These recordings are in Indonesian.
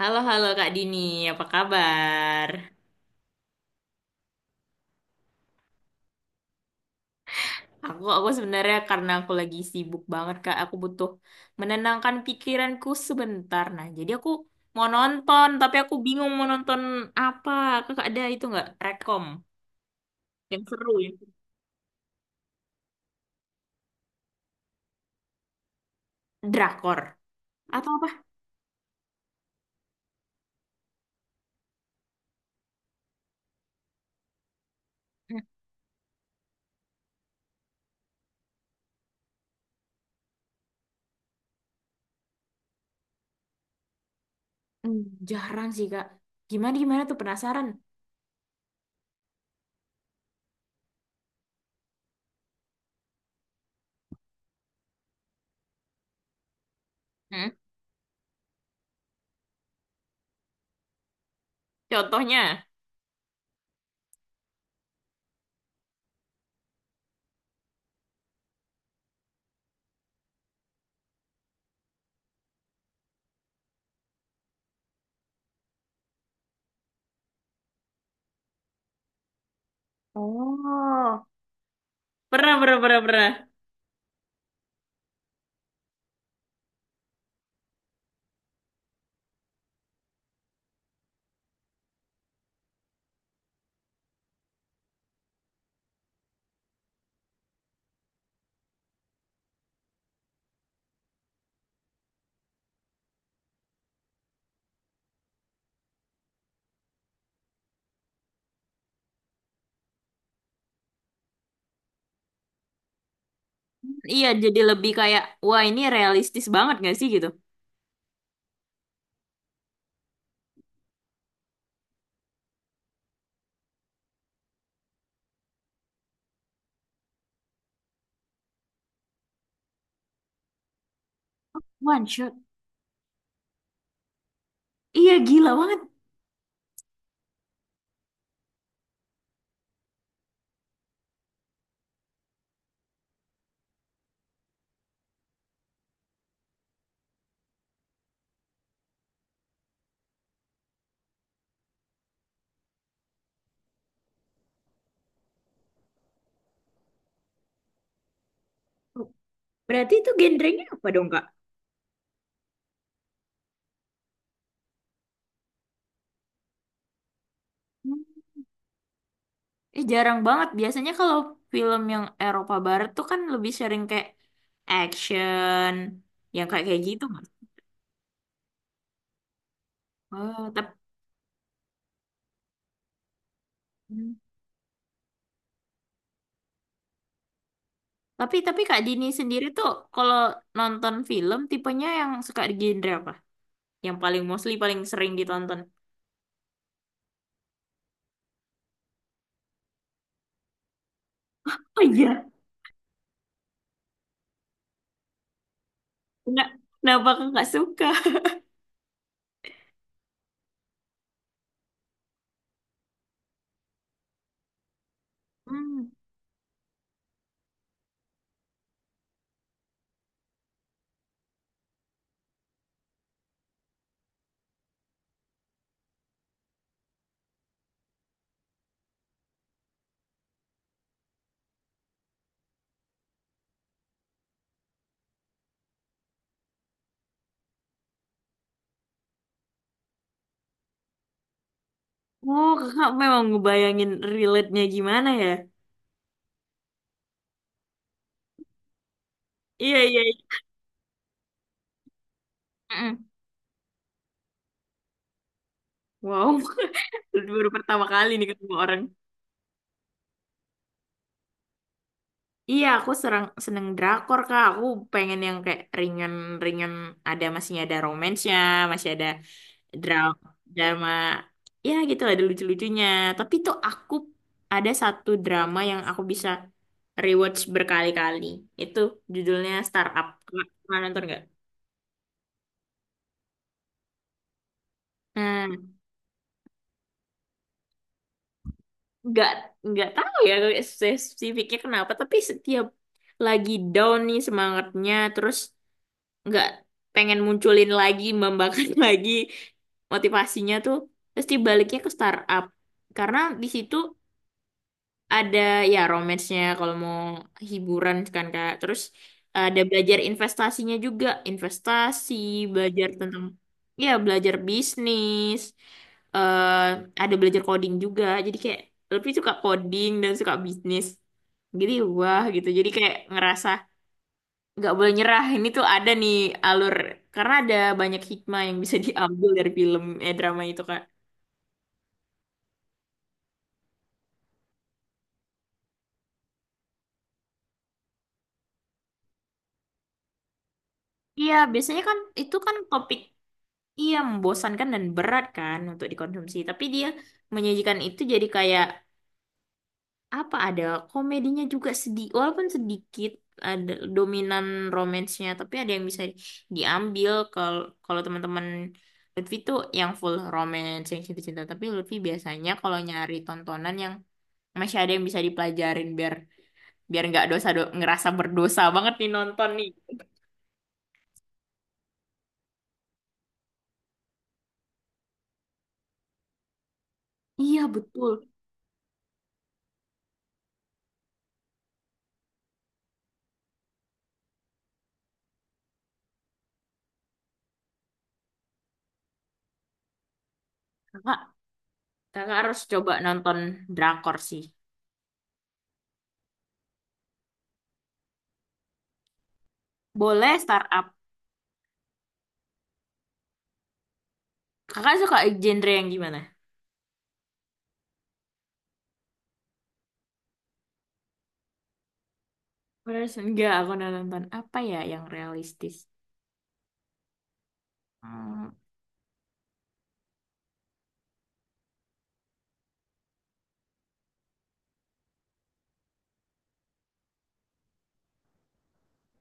Halo, halo Kak Dini, apa kabar? Aku sebenarnya karena aku lagi sibuk banget Kak, aku butuh menenangkan pikiranku sebentar. Nah, jadi aku mau nonton, tapi aku bingung mau nonton apa. Kakak ada itu nggak? Rekom yang seru ya? Drakor atau apa? Hmm, hmm, jarang sih Kak. Gimana gimana tuh penasaran? Hmm, Contohnya? Oh, pernah, pernah, pernah, pernah. Iya, jadi lebih kayak, wah ini realistis banget gak sih gitu? One shot. Iya gila banget. Berarti itu genrenya apa dong Kak? Hmm. Eh jarang banget. Biasanya kalau film yang Eropa Barat tuh kan lebih sering kayak action, yang kayak kayak gitu nggak? Oh, tapi tapi Kak Dini sendiri tuh kalau nonton film tipenya yang suka di genre apa? Yang paling mostly paling sering ditonton? Oh iya, enggak. Kenapa kakak suka? Hmm. Oh, kakak memang ngebayangin relate-nya gimana ya? Iya, iya, iya. Mm-mm. Wow. Baru pertama kali nih ketemu orang. Iya, aku serang, seneng drakor, Kak. Aku pengen yang kayak ringan-ringan, ada masih ada romansnya, masih ada drama, drama, ya gitu lah, ada lucu-lucunya. Tapi tuh aku ada satu drama yang aku bisa rewatch berkali-kali. Itu judulnya Startup. Kak, pernah nonton nggak? Nah, nggak nggak tahu ya spesifiknya kenapa, tapi setiap lagi down nih semangatnya, terus nggak pengen munculin lagi membangkit lagi motivasinya tuh pasti baliknya ke startup karena di situ ada ya romance-nya kalau mau hiburan kan Kak, terus ada belajar investasinya juga, investasi belajar tentang ya belajar bisnis eh ada belajar coding juga jadi kayak lebih suka coding dan suka bisnis jadi wah gitu jadi kayak ngerasa nggak boleh nyerah, ini tuh ada nih alur karena ada banyak hikmah yang bisa diambil dari film drama itu kak. Iya biasanya kan itu kan topik, iya membosankan dan berat kan untuk dikonsumsi tapi dia menyajikan itu jadi kayak apa, ada komedinya juga sedih walaupun sedikit, ada dominan romansnya tapi ada yang bisa diambil. Kalau kalau teman-teman Lutfi tuh yang full romance yang cinta-cinta tapi Lutfi biasanya kalau nyari tontonan yang masih ada yang bisa dipelajarin biar biar nggak dosa ngerasa berdosa banget nih nonton nih. Iya betul. Kakak, kakak harus coba nonton drakor sih. Boleh startup. Kakak suka genre yang gimana? Beres enggak aku udah nonton apa ya yang realistis? Hmm,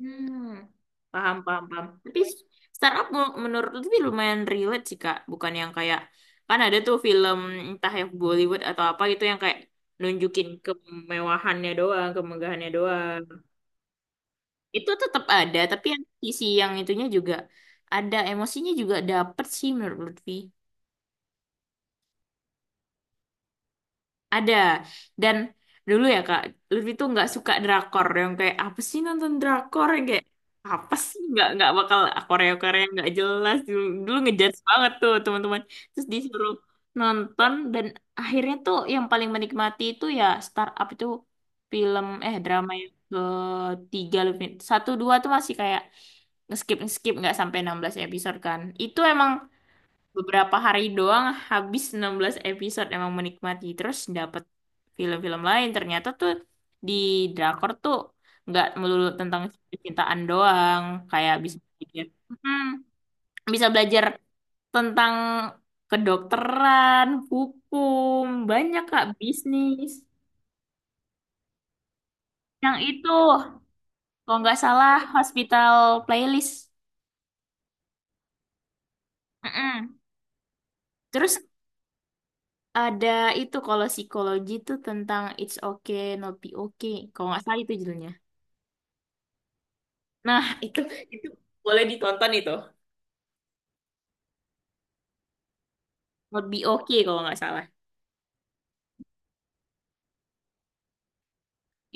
hmm. Paham, paham, paham. Tapi startup menurut lebih lumayan relate sih Kak, bukan yang kayak kan ada tuh film entah yang Bollywood atau apa gitu yang kayak nunjukin kemewahannya doang, kemegahannya doang. Itu tetap ada, tapi yang sisi yang itunya juga ada, emosinya juga dapet sih menurut Lutfi. Ada. Dan dulu ya Kak, Lutfi tuh nggak suka drakor yang kayak apa sih, nonton drakor yang kayak apa sih, nggak bakal Korea Korea nggak jelas dulu, dulu ngejudge banget tuh teman-teman. Terus disuruh nonton dan akhirnya tuh yang paling menikmati itu ya Startup itu film drama yang ketiga Lutfi. Satu dua tuh masih kayak nge-skip nggak sampai 16 episode kan. Itu emang beberapa hari doang habis 16 episode emang menikmati terus dapet film-film lain ternyata tuh di drakor tuh nggak melulu tentang cintaan doang, kayak bisa belajar, Mm, bisa belajar tentang kedokteran, hukum, banyak kak, bisnis, yang itu kalau nggak salah Hospital Playlist. Mm-mm. Terus ada itu kalau psikologi tuh tentang It's Okay Not Be Okay. Kalau nggak salah itu judulnya. Nah, itu boleh ditonton itu. Not Be Okay kalau nggak salah.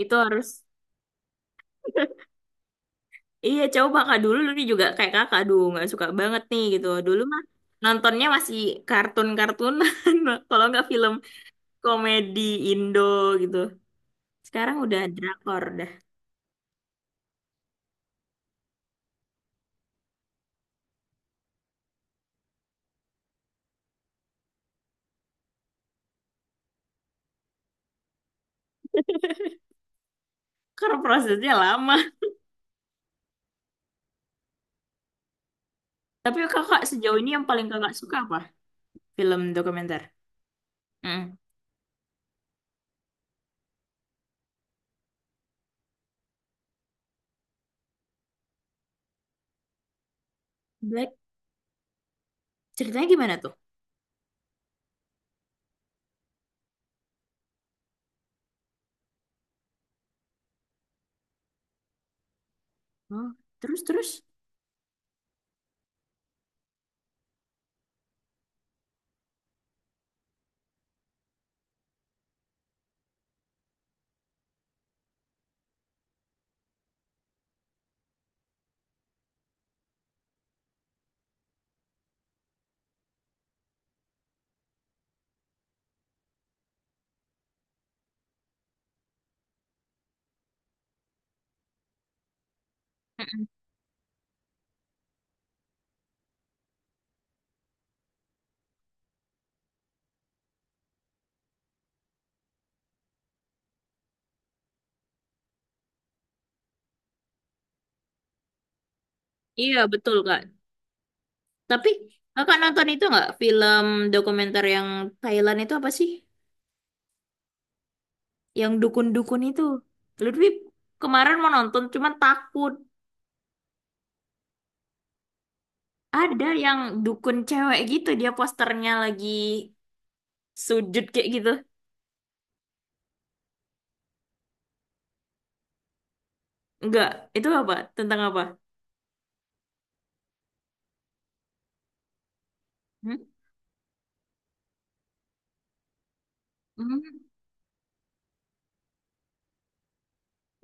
Itu harus. Iya, coba kakak dulu nih juga kayak Kakak, aduh nggak suka banget nih gitu. Dulu mah nontonnya masih kartun-kartunan kalau nggak film komedi Indo gitu. Sekarang udah drakor dah. Karena prosesnya lama. Tapi Kakak sejauh ini yang paling Kakak suka apa? Film dokumenter. Mm. Ceritanya gimana tuh? Hmm, Terus terus? Mm-mm. Iya, betul, Kak. Tapi kakak nonton itu nggak film dokumenter yang Thailand itu apa sih? Yang dukun-dukun itu. Lutfi kemarin mau nonton, cuman takut. Ada yang dukun cewek gitu, dia posternya lagi sujud kayak gitu. Enggak, itu apa? Tentang apa? Hmm? Hmm.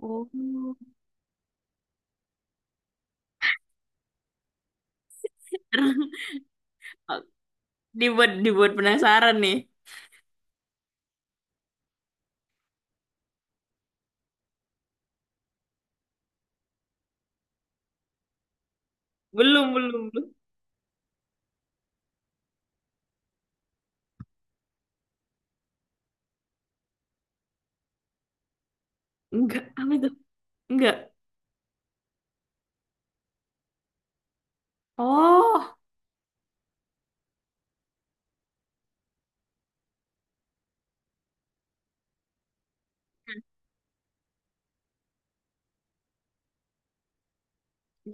Oh. Dibuat, dibuat penasaran nih. Belum, belum, belum. Enggak, apa itu? Enggak. Oh.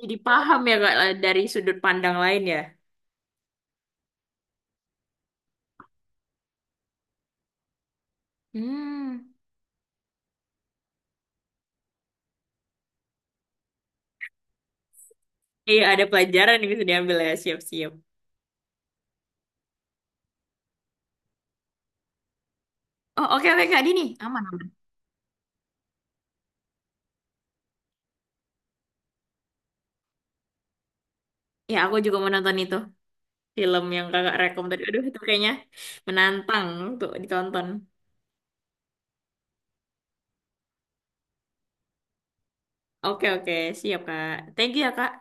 Jadi paham ya Kak, dari sudut pandang lain ya. Hmm. Iya ada pelajaran yang bisa diambil ya, siap-siap. Oh oke oke Kak Dini aman. Ya aku juga mau nonton itu film yang kakak rekom tadi. Aduh itu kayaknya menantang untuk ditonton. Oke oke siap Kak. Thank you ya Kak.